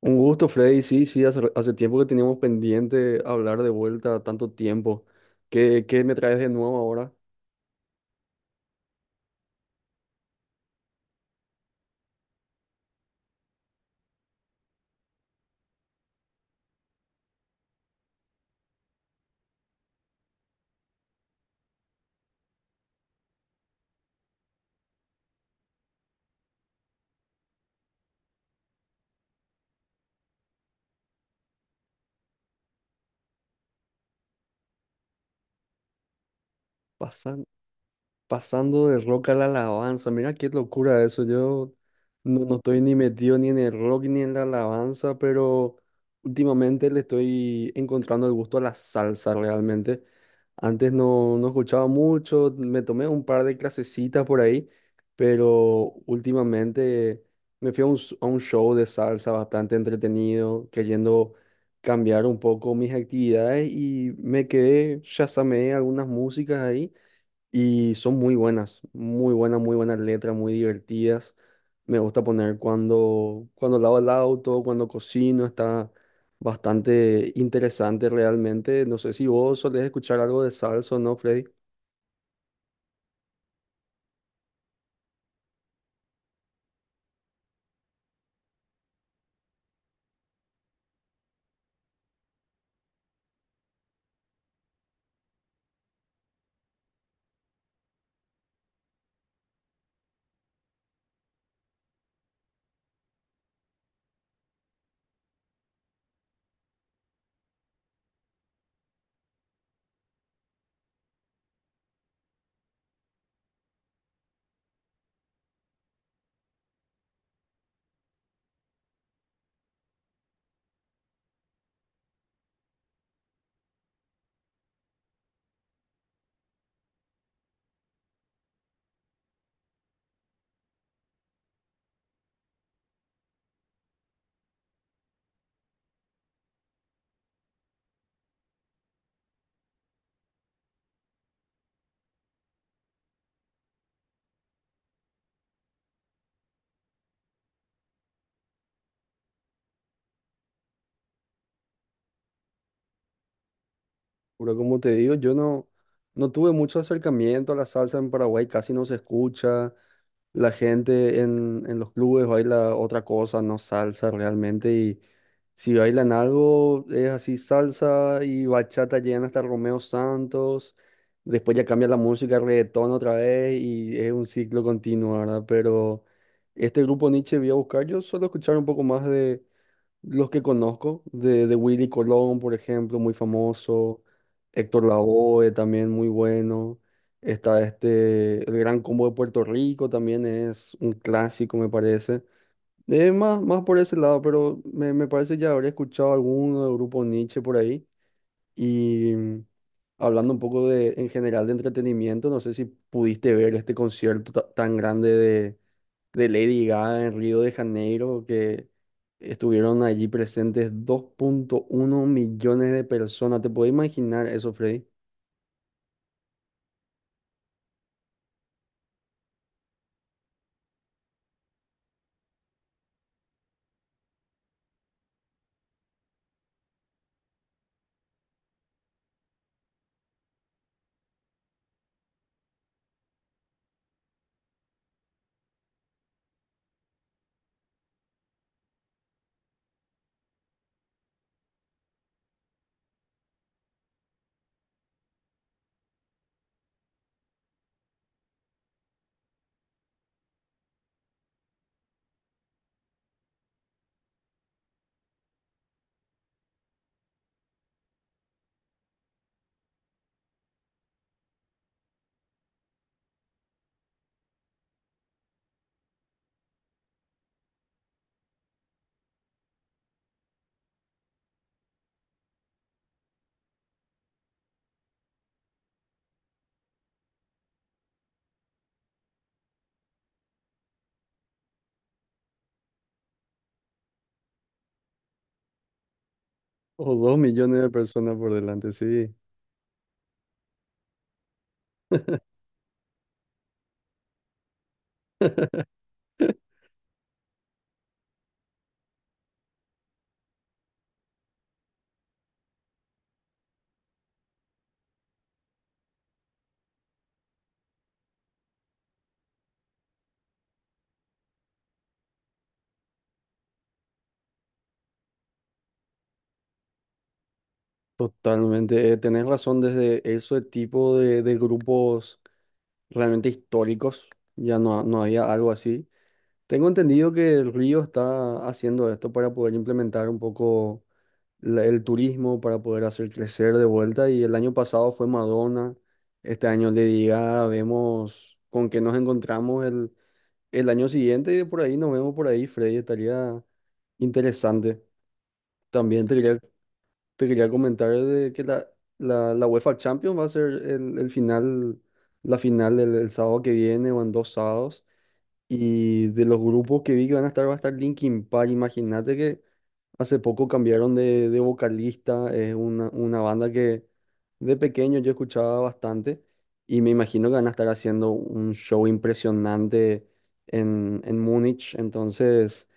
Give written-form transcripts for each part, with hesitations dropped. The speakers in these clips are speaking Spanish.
Un gusto, Freddy. Sí, sí, hace tiempo que teníamos pendiente hablar de vuelta tanto tiempo. ¿Qué me traes de nuevo ahora? Pasa. Pasando del rock a la alabanza, mira qué locura eso. Yo no estoy ni metido ni en el rock ni en la alabanza, pero últimamente le estoy encontrando el gusto a la salsa realmente. Antes no, no escuchaba mucho, me tomé un par de clasecitas por ahí, pero últimamente me fui a un, a un show de salsa bastante entretenido, queriendo cambiar un poco mis actividades y me quedé, chasameé algunas músicas ahí. Y son muy buenas, muy buenas, muy buenas letras, muy divertidas. Me gusta poner cuando lavo el auto, cuando cocino, está bastante interesante realmente. No sé si vos solés escuchar algo de salsa o no, Freddy. Pero como te digo, yo no, no tuve mucho acercamiento a la salsa en Paraguay, casi no se escucha. La gente en los clubes baila otra cosa, no salsa realmente. Y si bailan algo, es así salsa y bachata, llegan hasta Romeo Santos. Después ya cambia la música, reggaetón otra vez y es un ciclo continuo, ¿verdad? Pero este grupo Nietzsche voy a buscar, yo suelo escuchar un poco más los que conozco, de Willy Colón, por ejemplo, muy famoso. Héctor Lavoe, también muy bueno. Está este, el Gran Combo de Puerto Rico, también es un clásico, me parece. Más por ese lado, pero me parece ya habría escuchado alguno del grupo Nietzsche por ahí. Y mm, hablando un poco de, en general de entretenimiento, no sé si pudiste ver este concierto tan grande de Lady Gaga en Río de Janeiro, que estuvieron allí presentes 2,1 millones de personas. ¿Te puedes imaginar eso, Freddy? O 2 millones de personas por delante, sí. Totalmente, tenés razón desde ese tipo de grupos realmente históricos, ya no, no había algo así. Tengo entendido que el Río está haciendo esto para poder implementar un poco el turismo para poder hacer crecer de vuelta. Y el año pasado fue Madonna, este año Lady Gaga, vemos con qué nos encontramos el año siguiente y de por ahí nos vemos por ahí, Freddy, estaría interesante. También te quería, te quería comentar de que la UEFA Champions va a ser el final, la final el sábado que viene o en 2 sábados. Y de los grupos que vi que van a estar, va a estar Linkin Park. Imagínate que hace poco cambiaron de vocalista, es una banda que de pequeño yo escuchaba bastante y me imagino que van a estar haciendo un show impresionante en Múnich, entonces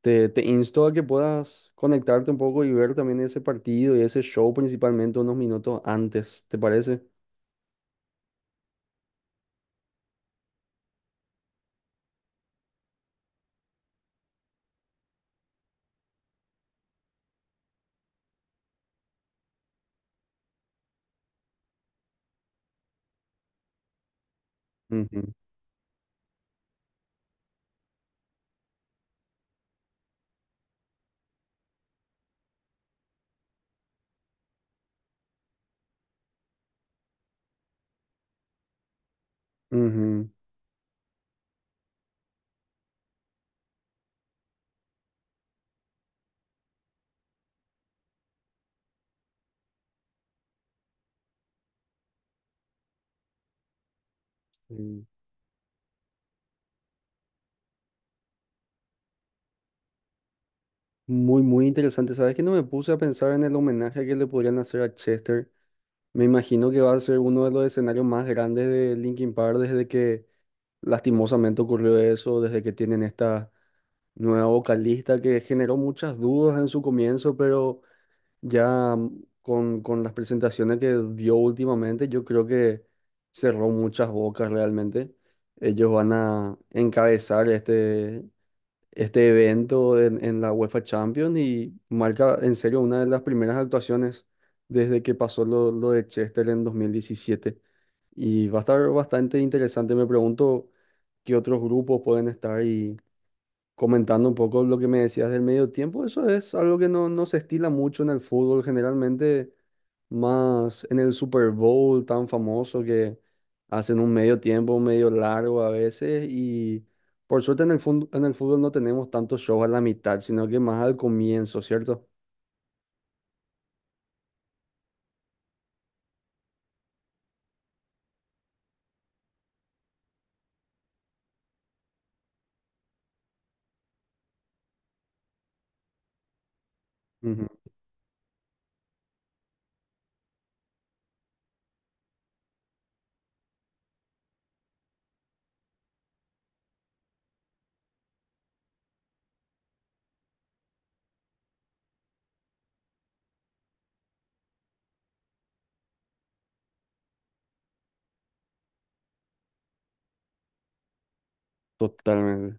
te insto a que puedas conectarte un poco y ver también ese partido y ese show principalmente unos minutos antes, ¿te parece? Ujú, ujú. Mm. Muy, muy interesante. ¿Sabes que no me puse a pensar en el homenaje que le podrían hacer a Chester? Me imagino que va a ser uno de los escenarios más grandes de Linkin Park desde que lastimosamente ocurrió eso, desde que tienen esta nueva vocalista que generó muchas dudas en su comienzo, pero ya mm, con las presentaciones que dio últimamente, yo creo que cerró muchas bocas realmente. Ellos van a encabezar este evento en la UEFA Champions y marca en serio una de las primeras actuaciones desde que pasó lo de Chester en 2017. Y va a estar bastante interesante. Me pregunto qué otros grupos pueden estar y comentando un poco lo que me decías del medio tiempo. Eso es algo que no, no se estila mucho en el fútbol. Generalmente más en el Super Bowl tan famoso que hacen un medio tiempo, medio largo a veces y por suerte en el en el fútbol no tenemos tantos shows a la mitad, sino que más al comienzo, ¿cierto? Ujú. Totalmente.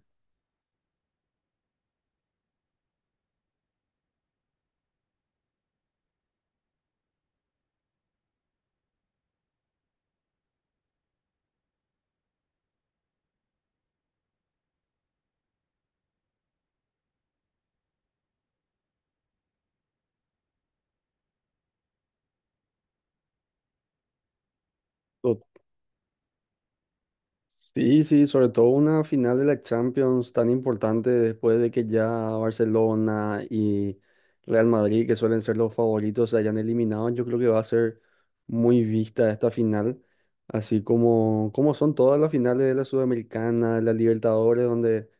Sí, sí, sobre todo una final de la Champions tan importante después de que ya Barcelona y Real Madrid, que suelen ser los favoritos, se hayan eliminado, yo creo que va a ser muy vista esta final, así como son todas las finales de la Sudamericana, de la Libertadores, donde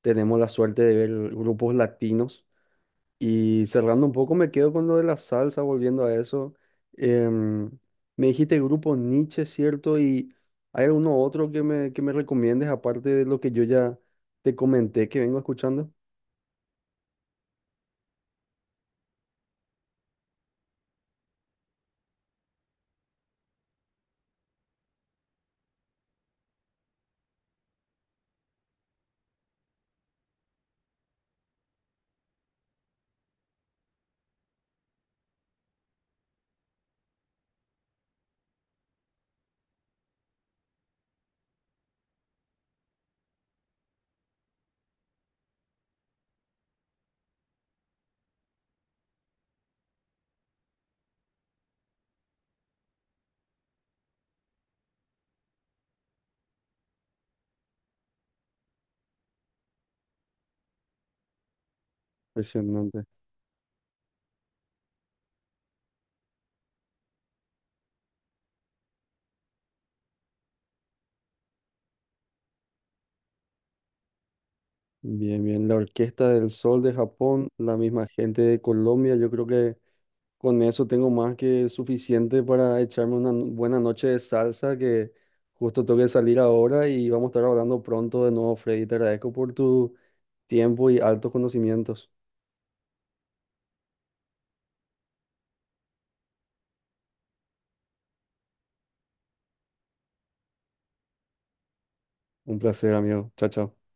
tenemos la suerte de ver grupos latinos. Y cerrando un poco, me quedo con lo de la salsa, volviendo a eso. Em, me dijiste grupo Nietzsche, ¿cierto? ¿Y hay alguno otro que me recomiendes, aparte de lo que yo ya te comenté que vengo escuchando? Impresionante. Bien, bien. La Orquesta del Sol de Japón, la misma gente de Colombia, yo creo que con eso tengo más que suficiente para echarme una buena noche de salsa que justo tengo que salir ahora y vamos a estar hablando pronto de nuevo, Freddy. Te agradezco por tu tiempo y altos conocimientos. Un placer, amigo. Chao, chao.